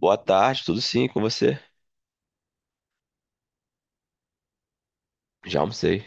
Boa tarde, tudo sim com você? Já almocei.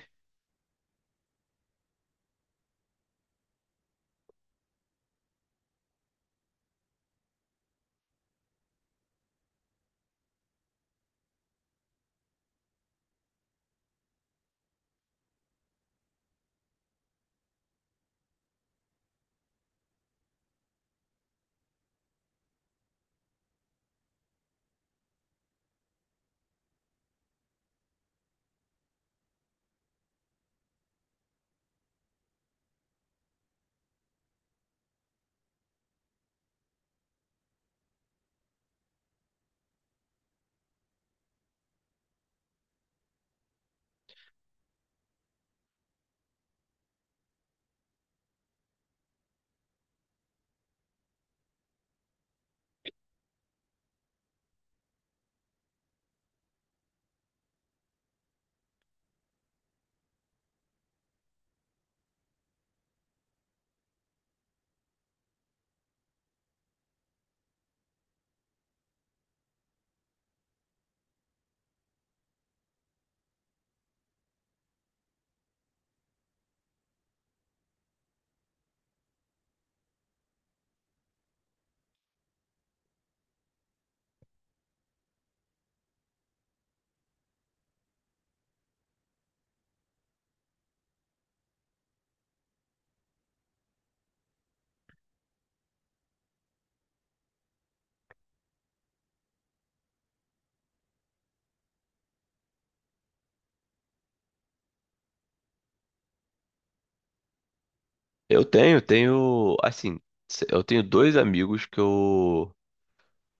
Eu tenho, assim, eu tenho dois amigos que eu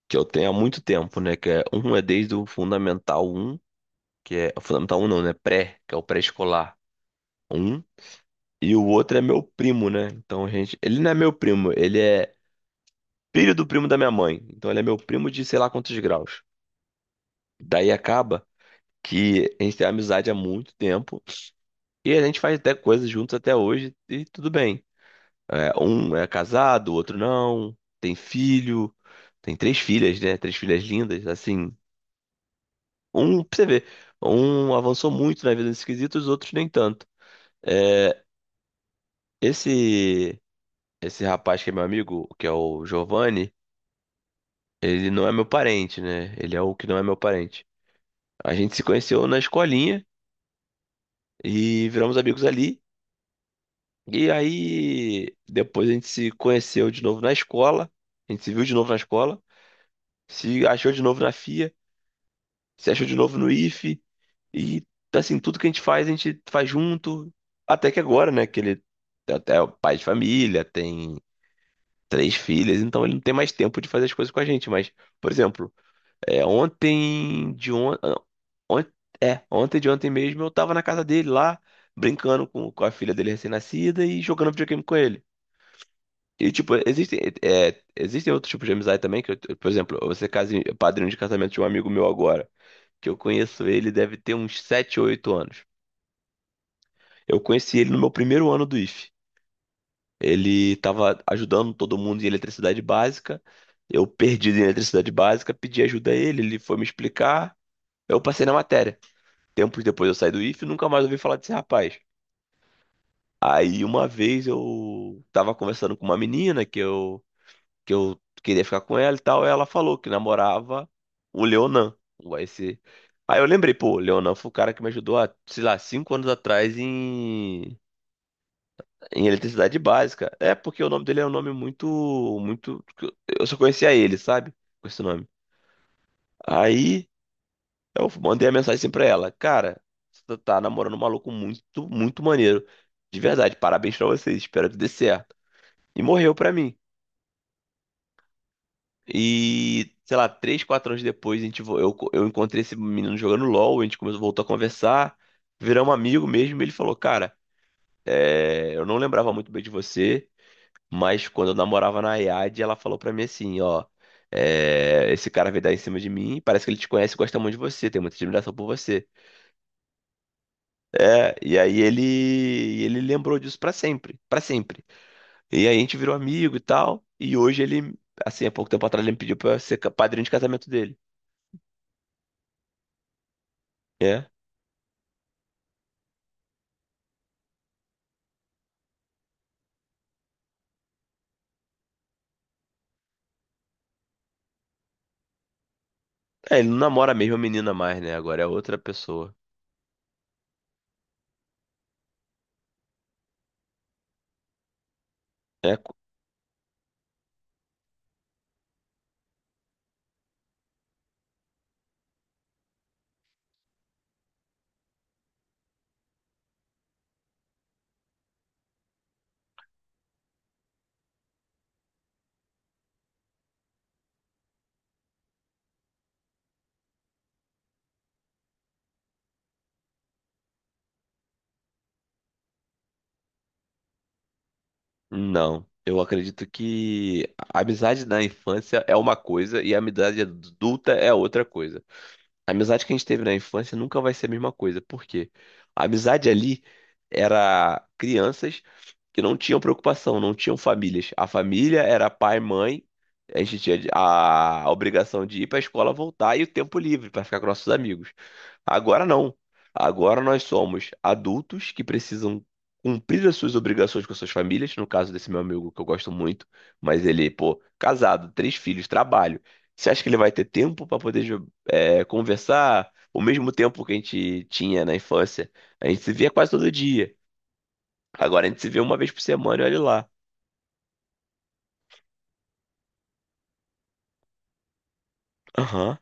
que eu tenho há muito tempo, né? Que é, um é desde o Fundamental um, que é o Fundamental um não, né? Pré, que é o pré-escolar um. E o outro é meu primo, né? Então, gente, ele não é meu primo, ele é filho do primo da minha mãe. Então, ele é meu primo de sei lá quantos graus. Daí acaba que a gente tem amizade há muito tempo e a gente faz até coisas juntos até hoje e tudo bem. É, um é casado, o outro não, tem filho, tem três filhas, né? Três filhas lindas, assim. Um, pra você ver, um avançou muito na vida nesse quesito, os outros nem tanto. É, esse esse rapaz que é meu amigo, que é o Giovanni, ele não é meu parente, né? Ele é o que não é meu parente. A gente se conheceu na escolinha e viramos amigos ali. E aí, depois a gente se conheceu de novo na escola, a gente se viu de novo na escola, se achou de novo na FIA. Se achou de novo no Ife e assim, tudo que a gente faz junto, até que agora, né, que ele até é o pai de família, tem três filhas, então ele não tem mais tempo de fazer as coisas com a gente, mas, por exemplo, é, ontem de on... on- é, ontem de ontem mesmo eu tava na casa dele lá, brincando com a filha dele recém-nascida e jogando videogame com ele. E, tipo, existem outros tipos de amizade também, que, por exemplo, você padrinho de casamento de um amigo meu agora que eu conheço ele deve ter uns 7 ou 8 anos. Eu conheci ele no meu primeiro ano do IF. Ele estava ajudando todo mundo em eletricidade básica. Eu perdi em eletricidade básica, pedi ajuda a ele, ele foi me explicar. Eu passei na matéria. Tempos depois eu saí do IF e nunca mais ouvi falar desse rapaz. Aí uma vez eu tava conversando com uma menina que eu queria ficar com ela e tal. Ela falou que namorava o Leonan, o AEC. Aí eu lembrei, pô, o Leonan foi o cara que me ajudou há, sei lá, cinco anos atrás em, em eletricidade básica. É porque o nome dele é um nome muito. Eu só conhecia ele, sabe? Com esse nome. Aí eu mandei a mensagem assim pra ela, cara, você tá namorando um maluco muito, muito maneiro. De verdade, parabéns pra vocês, espero que dê certo. E morreu pra mim. E, sei lá, três, quatro anos depois, a gente, vo- eu, co- eu encontrei esse menino jogando LOL, a gente começou, voltou a conversar, viramos amigo mesmo, e ele falou, cara, é, eu não lembrava muito bem de você, mas quando eu namorava na IAD, ela falou pra mim assim, ó, é, esse cara veio dar em cima de mim, parece que ele te conhece e gosta muito de você, tem muita admiração por você. É, e aí ele, ele lembrou disso pra sempre, pra sempre. E aí a gente virou amigo e tal, e hoje ele, assim, há pouco tempo atrás, ele me pediu pra eu ser padrinho de casamento dele. É. É, ele não namora a mesma menina mais, né? Agora é outra pessoa. É, co- não. Eu acredito que a amizade na infância é uma coisa e a amizade adulta é outra coisa. A amizade que a gente teve na infância nunca vai ser a mesma coisa. Por quê? A amizade ali era crianças que não tinham preocupação, não tinham famílias. A família era pai, mãe. A gente tinha a obrigação de ir para a escola, voltar e o tempo livre para ficar com nossos amigos. Agora não. Agora nós somos adultos que precisam cumprir as suas obrigações com as suas famílias. No caso desse meu amigo que eu gosto muito, mas ele, pô, casado, três filhos, trabalho. Você acha que ele vai ter tempo para poder conversar? O mesmo tempo que a gente tinha na infância, a gente se via quase todo dia. Agora a gente se vê uma vez por semana e olha lá. Aham,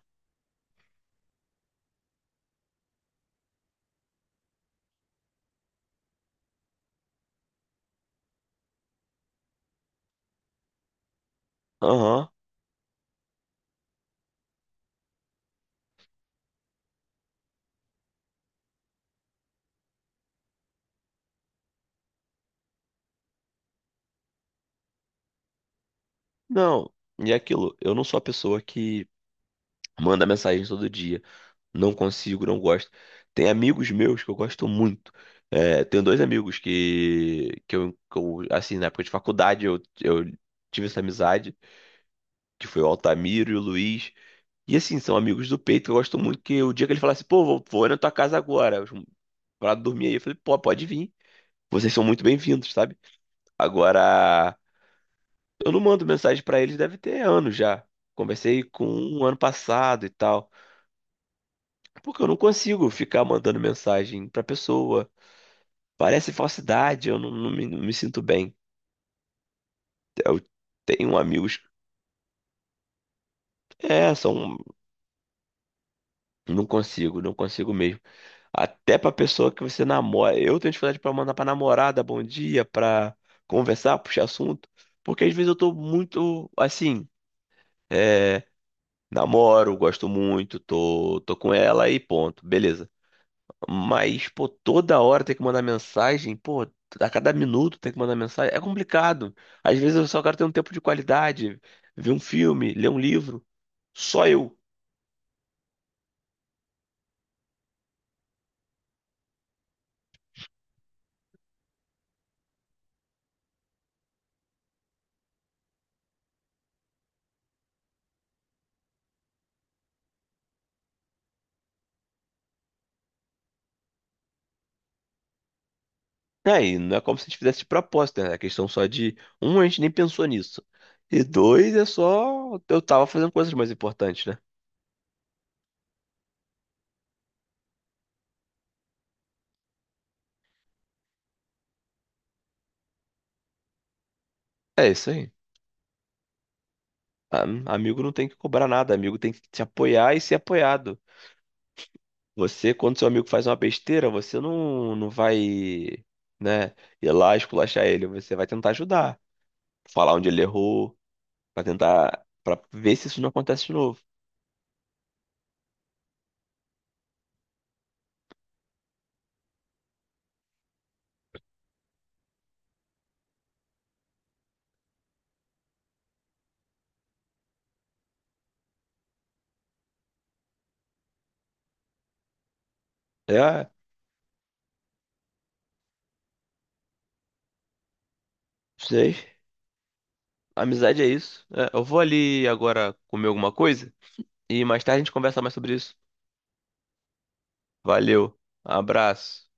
aham. Não. E é aquilo, eu não sou a pessoa que manda mensagem todo dia. Não consigo, não gosto. Tem amigos meus que eu gosto muito. É, tenho dois amigos que eu, assim, na época de faculdade eu tive essa amizade, que foi o Altamiro e o Luiz. E assim, são amigos do peito que eu gosto muito, que o dia que ele falasse, pô, vou na tua casa agora, pra dormir aí, eu falei, pô, pode vir. Vocês são muito bem-vindos, sabe? Agora, eu não mando mensagem pra eles, deve ter anos já. Conversei com um ano passado e tal. Porque eu não consigo ficar mandando mensagem pra pessoa. Parece falsidade, eu não, não me sinto bem. Eu tenho amigos. É, são. Não consigo, não consigo mesmo. Até pra pessoa que você namora. Eu tenho dificuldade pra mandar pra namorada bom dia, pra conversar, puxar assunto. Porque às vezes eu tô muito assim. é, Namoro, gosto muito, tô com ela e ponto. Beleza. Mas, pô, toda hora tem que mandar mensagem, pô, a cada minuto tem que mandar mensagem. É complicado. Às vezes eu só quero ter um tempo de qualidade, ver um filme, ler um livro. Só eu. Aí, não é como se a gente fizesse de propósito, né? É questão só de, um, a gente nem pensou nisso. E dois, é só eu tava fazendo coisas mais importantes, né? É isso aí. A- Amigo não tem que cobrar nada, amigo tem que te apoiar e ser apoiado. Você, quando seu amigo faz uma besteira, você não vai, né, ir lá esculachar ele. Você vai tentar ajudar, falar onde ele errou, pra tentar, pra ver se isso não acontece de novo. É, sei. Amizade é isso. É, eu vou ali agora comer alguma coisa e mais tarde a gente conversa mais sobre isso. Valeu, abraço.